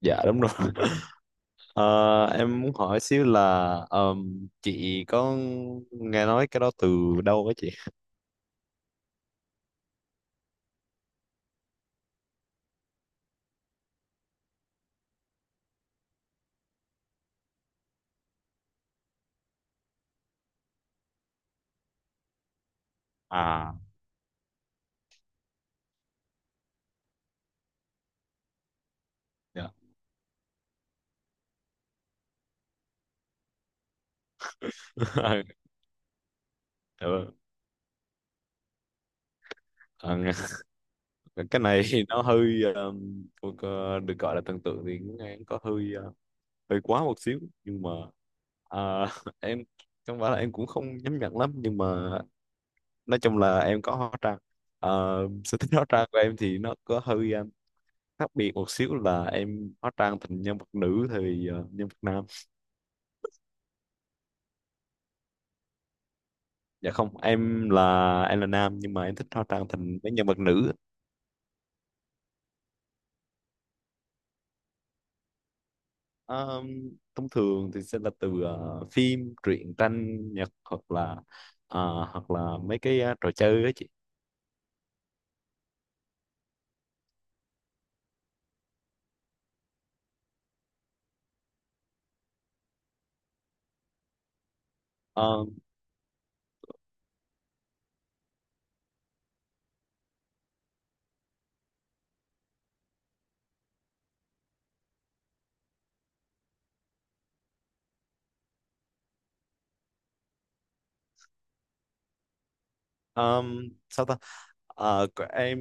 Dạ đúng rồi. Ờ, em muốn hỏi xíu là, chị có nghe nói cái đó từ đâu á chị? À, dạ. Ờ, ờ, nghe- cái này thì nó hơi thuộc, được gọi là thần tượng thì cũng nghe có hơi hơi quá một xíu, nhưng mà ờ, em không phải là em cũng không nhắm nhận lắm, nhưng mà nói chung là em có hóa trang. Ờ, Sở thích hóa trang của em thì nó có hơi khác biệt một xíu, là em hóa trang thành nhân vật nữ thì nhân vật nam. Dạ không, em là nam, nhưng mà em thích hóa trang thành mấy nhân vật nữ. Ờ, Thông thường thì sẽ là từ phim truyện tranh nhật, hoặc là mấy cái trò chơi đó chị. Ờ, sao ta, của em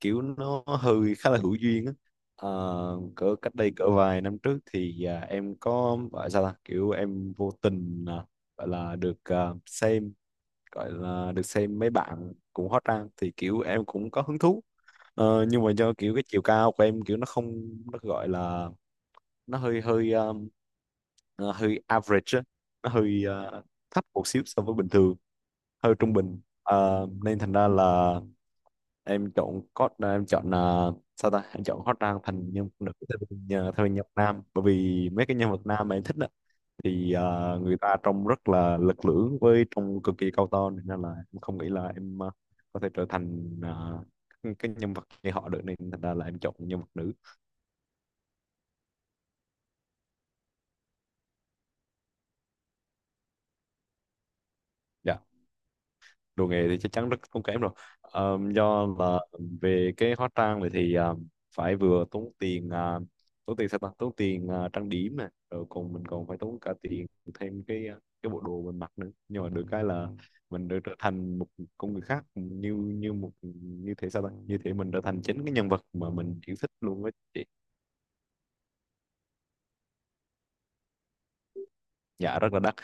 kiểu nó hơi khá là hữu duyên á. Ờ, Cỡ cách đây cỡ vài năm trước thì à, em có gọi sao ta, kiểu em vô tình à, gọi là được à, xem, gọi là được xem mấy bạn cũng hot ra thì kiểu em cũng có hứng thú. Nhưng mà do kiểu cái chiều cao của em kiểu nó không, nó gọi là nó hơi hơi hơi average á. Nó hơi thấp một xíu so với bình thường, hơi trung bình. Nên thành ra là em chọn code em chọn là sao ta, em chọn hot rank thành nhân vật nữ thay vì thay vì nhân vật nam, bởi vì mấy cái nhân vật nam mà em thích thì người ta trông rất là lực lưỡng với trông cực kỳ cao to, nên là em không nghĩ là em có thể trở thành cái nhân vật như họ được, nên thành ra là em chọn nhân vật nữ. Dạ, đồ nghề thì chắc chắn rất không kém rồi. Do là về cái hóa trang này thì à, phải vừa tốn tiền, à, tốn tiền à, trang điểm này, rồi còn mình còn phải tốn cả tiền thêm cái, à, cái bộ đồ mình mặc nữa, nhưng mà được cái là mình được trở thành một con người khác, như như một, như thế sao ta, như thế mình trở thành chính cái nhân vật mà mình yêu thích luôn á chị. Dạ rất là đắt.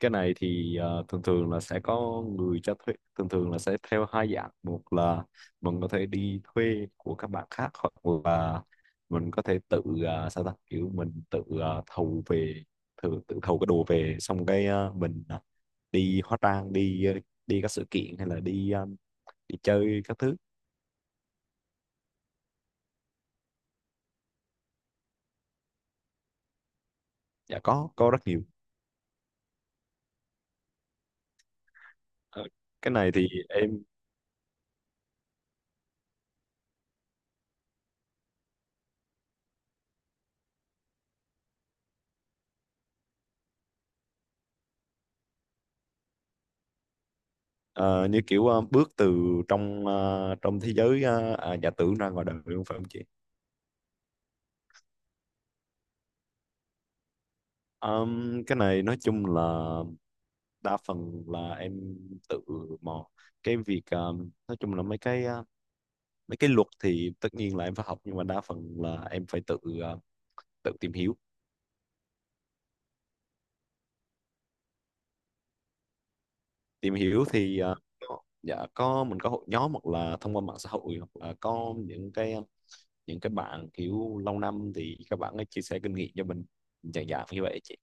Cái này thì thường thường là sẽ có người cho thuê, thường thường là sẽ theo hai dạng: một là mình có thể đi thuê của các bạn khác, hoặc là mình có thể tự sao ta, kiểu mình tự thầu về, tự tự thầu cái đồ về, xong cái mình đi hóa trang, đi đi các sự kiện, hay là đi đi chơi các thứ. Dạ có rất nhiều. Ờ, cái này thì em ờ, như kiểu bước từ trong, trong thế giới à, giả tưởng ra ngoài đời luôn, phải không chị? Cái này nói chung là đa phần là em tự mò. Cái việc nói chung là mấy cái luật thì tất nhiên là em phải học, nhưng mà đa phần là em phải tự tự tìm hiểu. Tìm hiểu thì dạ có, mình có hội nhóm, hoặc là thông qua mạng xã hội, hoặc là có những cái bạn kiểu lâu năm thì các bạn ấy chia sẻ kinh nghiệm cho mình, dạng dạng như vậy chị.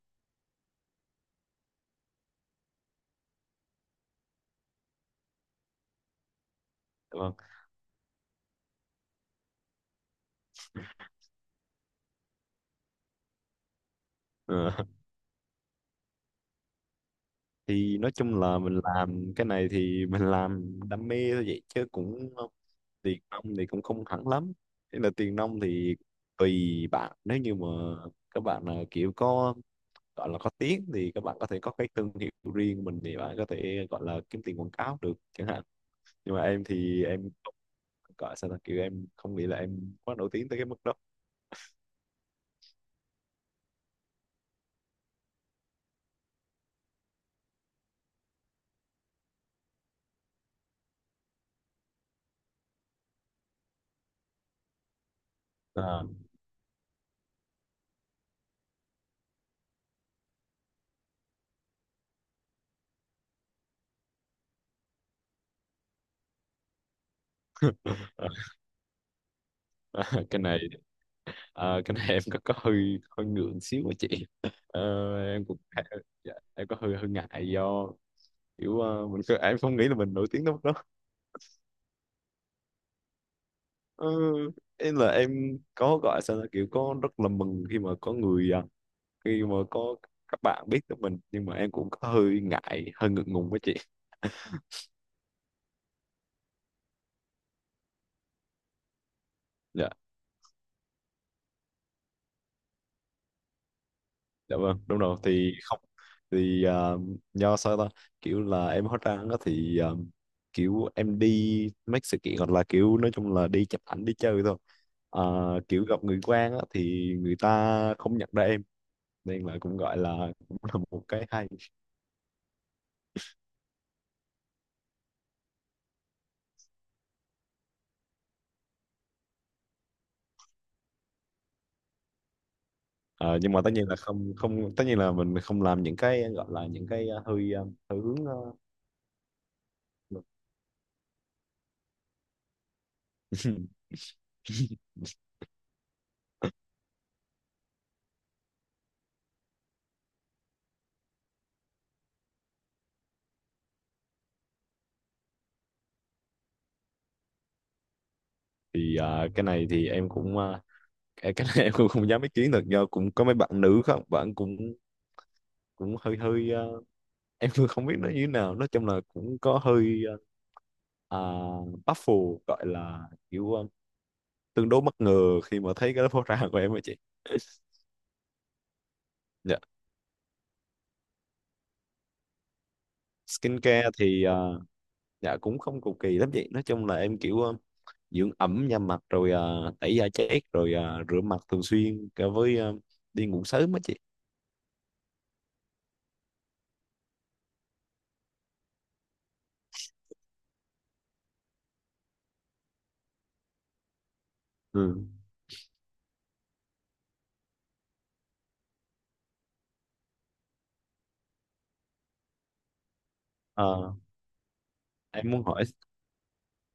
Dạ vâng. Ờ, thì nói chung là mình làm cái này thì mình làm đam mê thôi, vậy chứ cũng tiền nong thì cũng không hẳn lắm. Thế là tiền nong thì tùy bạn, nếu như mà các bạn là kiểu có, gọi là có tiếng thì các bạn có thể có cái thương hiệu riêng mình, thì bạn có thể gọi là kiếm tiền quảng cáo được chẳng hạn, nhưng mà em thì gọi sao là kiểu em không nghĩ là em quá nổi tiếng tới cái mức đó. À. À. Cái này, à, cái này em có hơi hơi ngượng xíu á chị. Ờ, em cũng, dạ, em có hơi hơi ngại, do kiểu em không nghĩ là mình nổi tiếng đâu. Ừ, em là em có gọi sao là kiểu có rất là mừng khi mà có người, à, khi mà có các bạn biết tới mình, nhưng mà em cũng có hơi ngại hơi ngượng ngùng với chị. Dạ, dạ vâng, đúng rồi. Thì không, thì à, do sao ta, kiểu là em hóa trang đó thì à, kiểu em đi mấy sự kiện hoặc là kiểu nói chung là đi chụp ảnh, đi chơi thôi. À, kiểu gặp người quen á, thì người ta không nhận ra em, nên là cũng gọi là cũng là một cái hay. Ờ, nhưng mà tất nhiên là không không, tất nhiên là mình không làm những cái gọi là những cái hơi hơi hướng ngược. Thì cái này thì em cũng, cái này, em cũng không dám ý kiến được, do cũng có mấy bạn nữ không, bạn cũng cũng hơi hơi em cũng không biết nó như thế nào, nói chung là cũng có hơi baffled, gọi là kiểu tương đối bất ngờ khi mà thấy cái lớp ra của em á chị. Dạ. Skincare thì dạ cũng không cầu kỳ lắm chị, nói chung là em kiểu dưỡng ẩm da mặt, rồi tẩy da chết, rồi rửa mặt thường xuyên, cả với đi ngủ sớm á chị. Ừ. Ờ, em muốn hỏi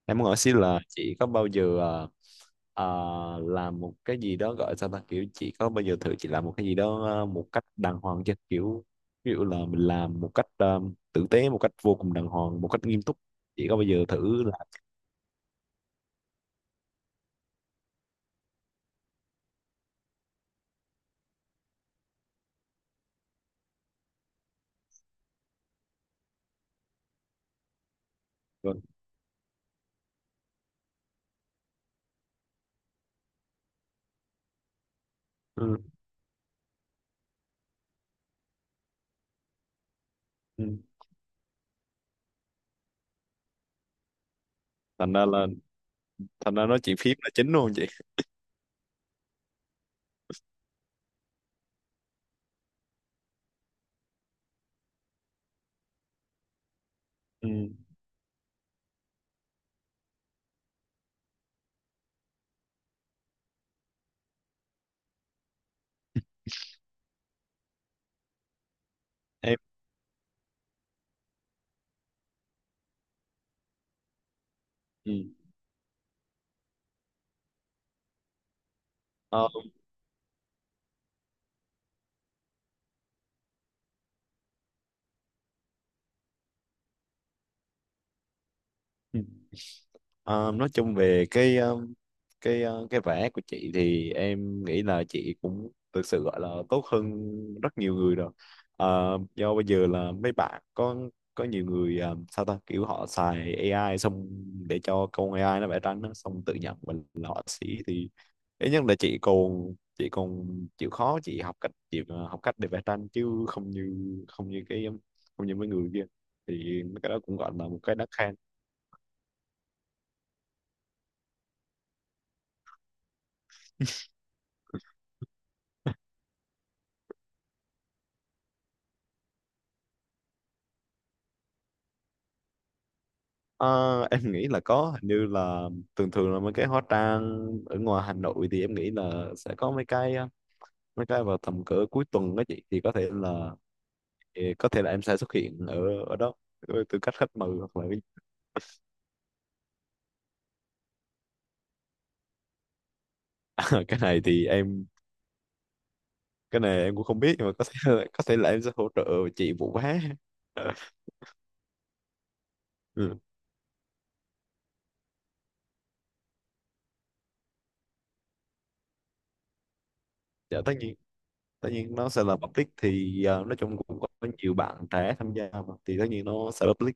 em muốn hỏi xin là chị có bao giờ làm một cái gì đó, gọi sao ta, kiểu chị có bao giờ thử chị làm một cái gì đó một cách đàng hoàng chưa, kiểu ví dụ là mình làm một cách tử tế, một cách vô cùng đàng hoàng, một cách nghiêm túc. Chị có bao giờ thử làm? Vâng. Ừ. Ừ. thành ra là Thành ra nói chuyện phím là chính luôn chị. Ừ. Em. Ừ. Ờ, Ờ, nói chung về cái, cái vẽ của chị thì em nghĩ là chị cũng thực sự gọi là tốt hơn rất nhiều người rồi. Do bây giờ là mấy bạn có nhiều người sao ta, kiểu họ xài AI xong để cho con AI nó vẽ tranh đó, xong tự nhận mình là họa sĩ, thì ít nhất là chị còn chịu khó, chị học cách, chị học cách để vẽ tranh, chứ không như cái không như mấy người kia, thì cái đó cũng gọi là một cái đáng khen. Ờ, em nghĩ là có, hình như là thường thường là mấy cái hóa trang ở ngoài Hà Nội thì em nghĩ là sẽ có mấy cái vào tầm cỡ cuối tuần đó chị, thì có thể là em sẽ xuất hiện ở ở đó với tư cách khách mời, hoặc là cái, cái này thì em cái này em cũng không biết, nhưng mà có thể là em sẽ hỗ trợ chị vụ vé. Ừ. Dạ tất nhiên, nó sẽ là public, thì nói chung cũng có nhiều bạn trẻ tham gia mà thì tất nhiên nó sẽ public.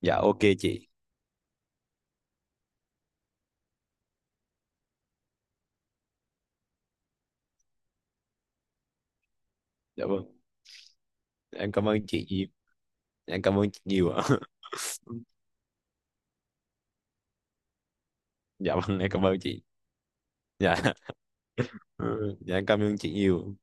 Dạ ok chị. Dạ vâng, em cảm ơn chị nhiều. Dạ em cảm ơn chị nhiều. Dạ vâng, em cảm ơn chị. Dạ. Ừ, dạ em cảm ơn chị nhiều.